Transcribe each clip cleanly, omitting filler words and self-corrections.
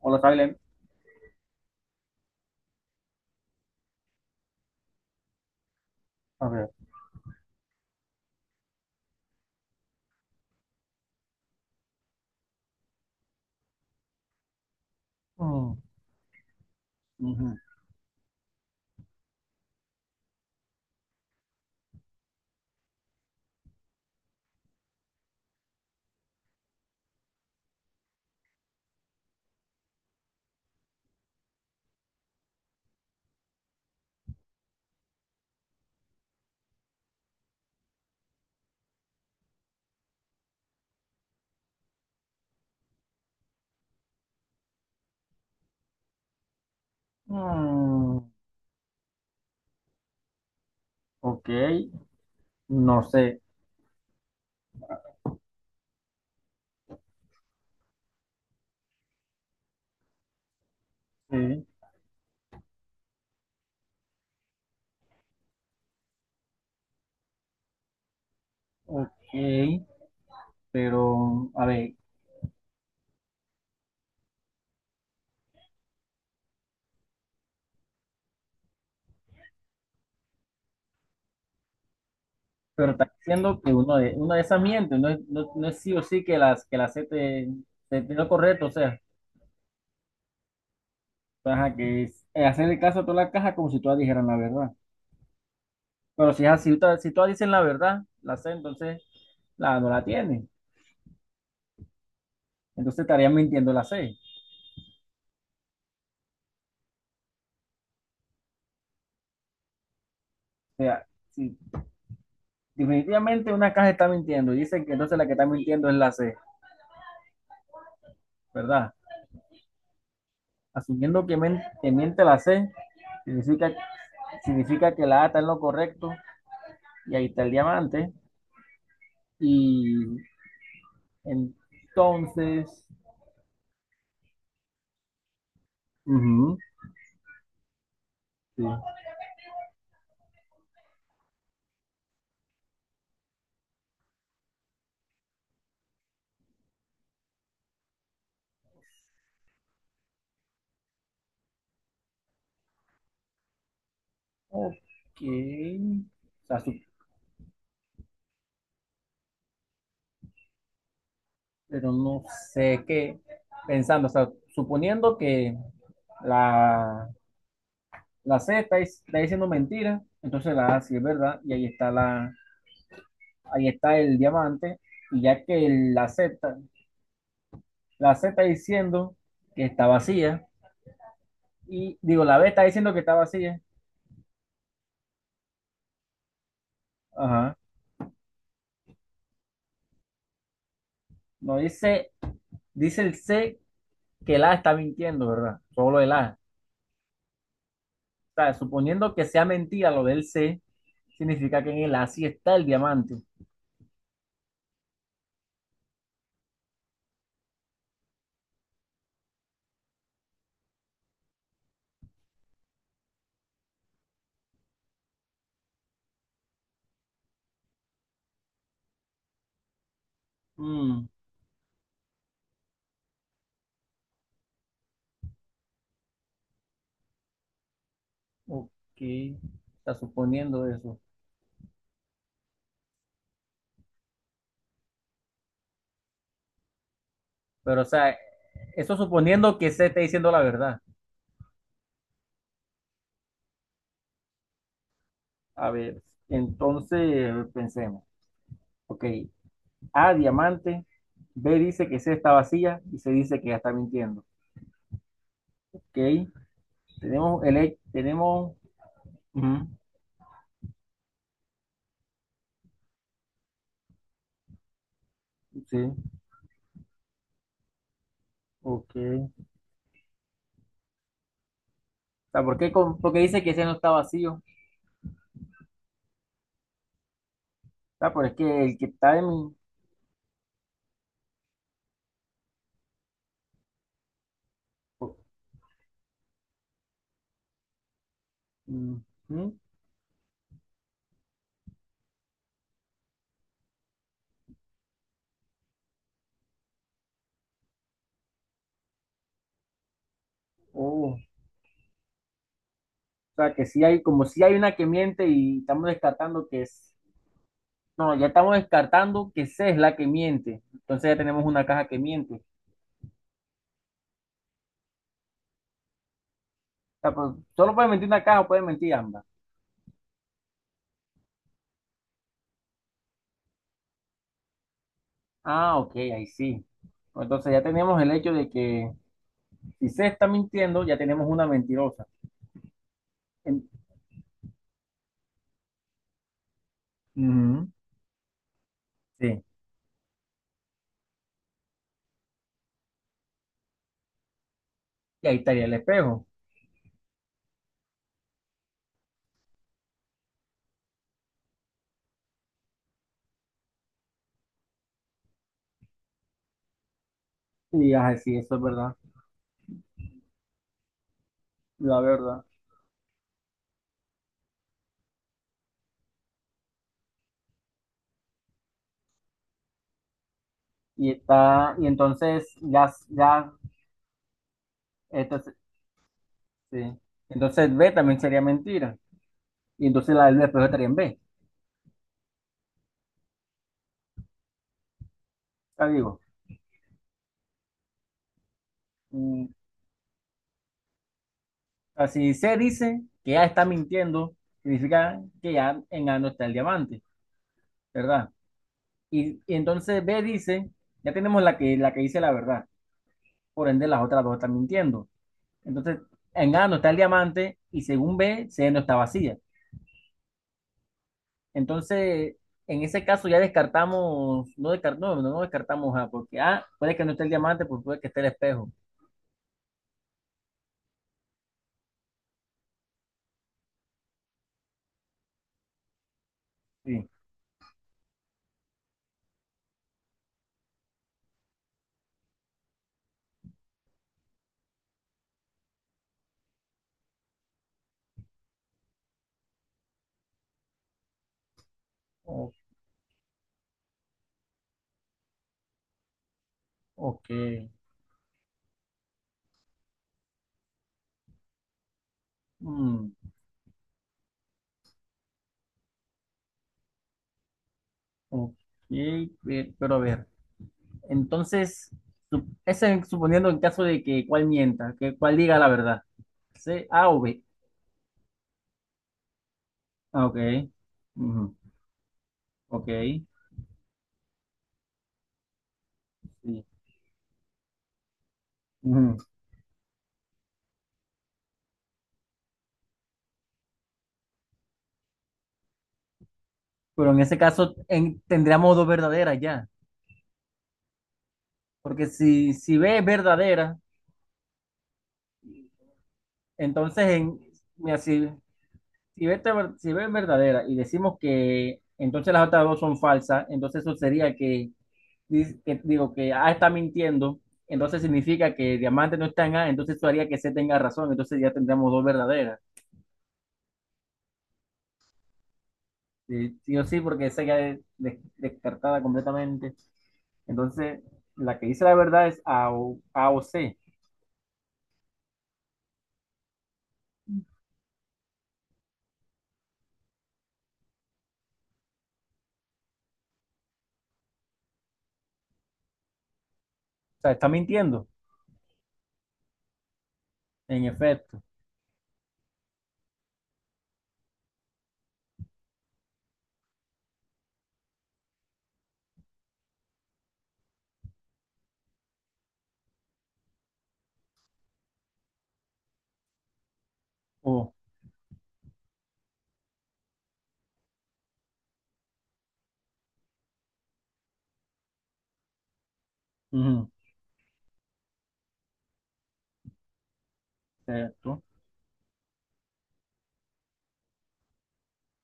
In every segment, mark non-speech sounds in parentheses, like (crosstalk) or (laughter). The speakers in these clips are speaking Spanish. Hola, Salem. A ver. Mm, ujú. Mm, ok, no sé. Sí, ok, pero a ver, pero está diciendo que uno de esas miente, no es sí o sí que las que la acepte lo correcto, o sea, ajá, que es, hacerle caso a toda la caja como si todas dijeran la verdad. Pero si es así, si todas dicen la verdad, la C, entonces la no la tiene. Entonces estaría mintiendo la C. O sea, si definitivamente una caja está mintiendo y dicen que entonces la que está mintiendo es la C. ¿Verdad? Asumiendo que, que miente la C, significa, significa que la A está en lo correcto y ahí está el diamante. Y entonces, ujú, sí. Ok, o sea, su- pero no sé qué, pensando, o sea, suponiendo que la, la C está, está diciendo mentira, entonces la A sí es verdad y ahí está, ahí está el diamante. Y ya que la Z la C está diciendo que está vacía. Y digo, la B está diciendo que está vacía. Ajá. No dice, dice el C que el A está mintiendo, ¿verdad? Solo el A. O sea, suponiendo que sea mentira lo del C, significa que en el A sí está el diamante. Mm, ok. Está suponiendo eso. Pero, o sea, eso suponiendo que C está diciendo la verdad. A ver, entonces pensemos. Ok, A diamante, B dice que C está vacía y se dice que ya está mintiendo. Ok, tenemos, ujú, sí, ok. O sea, ¿por qué dice que ese no está vacío? O pero es que el que está en mi, o- ujú, oh, o sea, que sí hay, como si hay una que miente y estamos descartando que es, no, ya estamos descartando que C es la que miente. Entonces ya tenemos una caja que miente. O sea, pues, solo puede mentir una caja o puede mentir ambas. Ah, ok, ahí sí. Entonces ya tenemos el hecho de que si C está mintiendo, ya tenemos una mentirosa. En- ujú. Sí, y ahí estaría el espejo. Y ajá, sí, eso es verdad, la verdad. Y está, entonces, sí. Entonces B también sería mentira. Y entonces la del espejo estaría en B. Ya digo, mm, así se dice que ya está mintiendo, significa que ya en A no está el diamante, ¿verdad? Y entonces B dice, ya tenemos la que dice la verdad, por ende las otras dos están mintiendo. Entonces en A no está el diamante y según B, C no está vacía. Entonces, en ese caso ya descartamos, no descartamos A, porque A puede que no esté el diamante, pues puede que esté el espejo. Sí. O- ok. Mm, ok, pero a ver. Entonces, ese es suponiendo en caso de que cuál mienta, que cuál diga la verdad. C, A o B. Ah, ok. Ujú, ok. Sí. Ujú. Pero en ese caso en- tendríamos dos verdaderas ya. Porque si B es verdadera, entonces en, mira, si, si B es verdadera y decimos que entonces las otras dos son falsas, entonces eso sería que, que digo que A está mintiendo, entonces significa que diamante no está en A, entonces eso haría que C tenga razón, entonces ya tendríamos dos verdaderas. Sí, sí o sí, porque C ya es descartada completamente. Entonces, la que dice la verdad es A o C. O sea, está mintiendo, en efecto. O, ujú, exacto,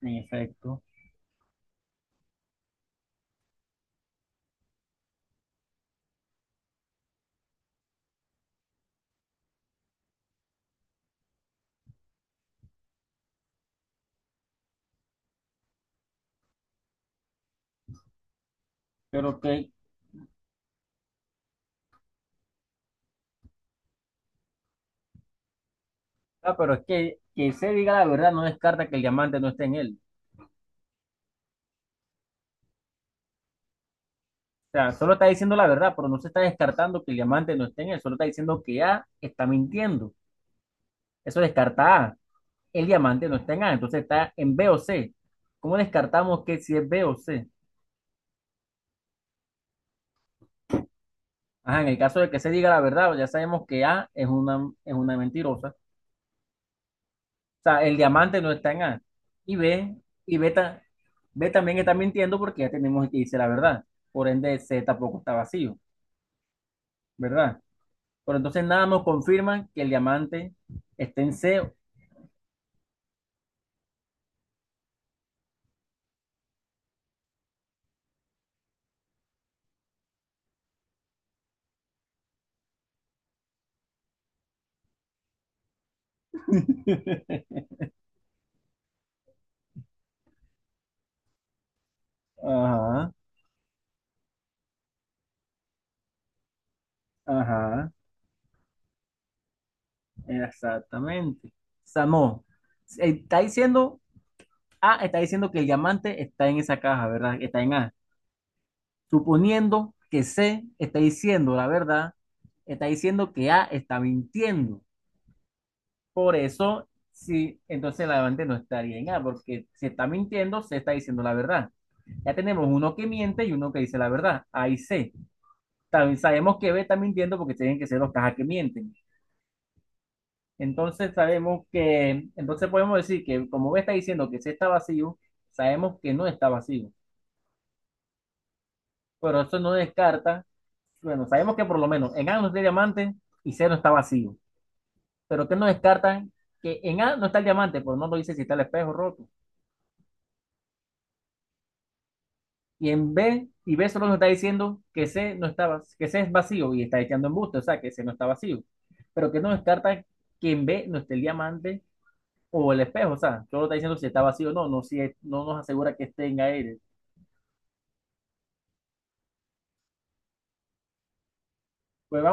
en efecto. Pero, ¿qué, ah, pero es que se diga la verdad no descarta que el diamante no esté en él. O sea, solo está diciendo la verdad, pero no se está descartando que el diamante no esté en él. Solo está diciendo que A está mintiendo. Eso descarta A. El diamante no está en A, entonces está en B o C. ¿Cómo descartamos que si es B o C? Ajá, en el caso de que se diga la verdad, ya sabemos que A es una mentirosa. O sea, el diamante no está en A. Y B, y B, ta- B también está mintiendo porque ya tenemos que dice la verdad. Por ende, C tampoco está vacío, ¿verdad? Pero entonces nada nos confirma que el diamante está en SEO. (laughs) Ajá, ajá, exactamente. Samo, está diciendo A, está diciendo que el diamante está en esa caja, ¿verdad? Está en A. Suponiendo que C está diciendo la verdad, está diciendo que A está mintiendo. Por eso, sí, entonces el diamante no estaría en A, porque si está mintiendo, se está diciendo la verdad. Ya tenemos uno que miente y uno que dice la verdad, A y C. También sabemos que B está mintiendo porque tienen que ser los cajas que mienten. Entonces sabemos que, entonces podemos decir que como B está diciendo que C está vacío, sabemos que no está vacío. Pero eso no descarta, bueno, sabemos que por lo menos en A no está el diamante y C no está vacío. Pero que no descarta que en A no está el diamante, pero no lo dice si está el espejo roto. Y en B, y B solo nos está diciendo que C no está, que C es vacío y está echando embuste, o sea que C no está vacío. Pero que no descarta que en B no esté el diamante o el espejo, o sea, solo está diciendo si está vacío o no, no, no nos asegura que esté en aire. Pues vamos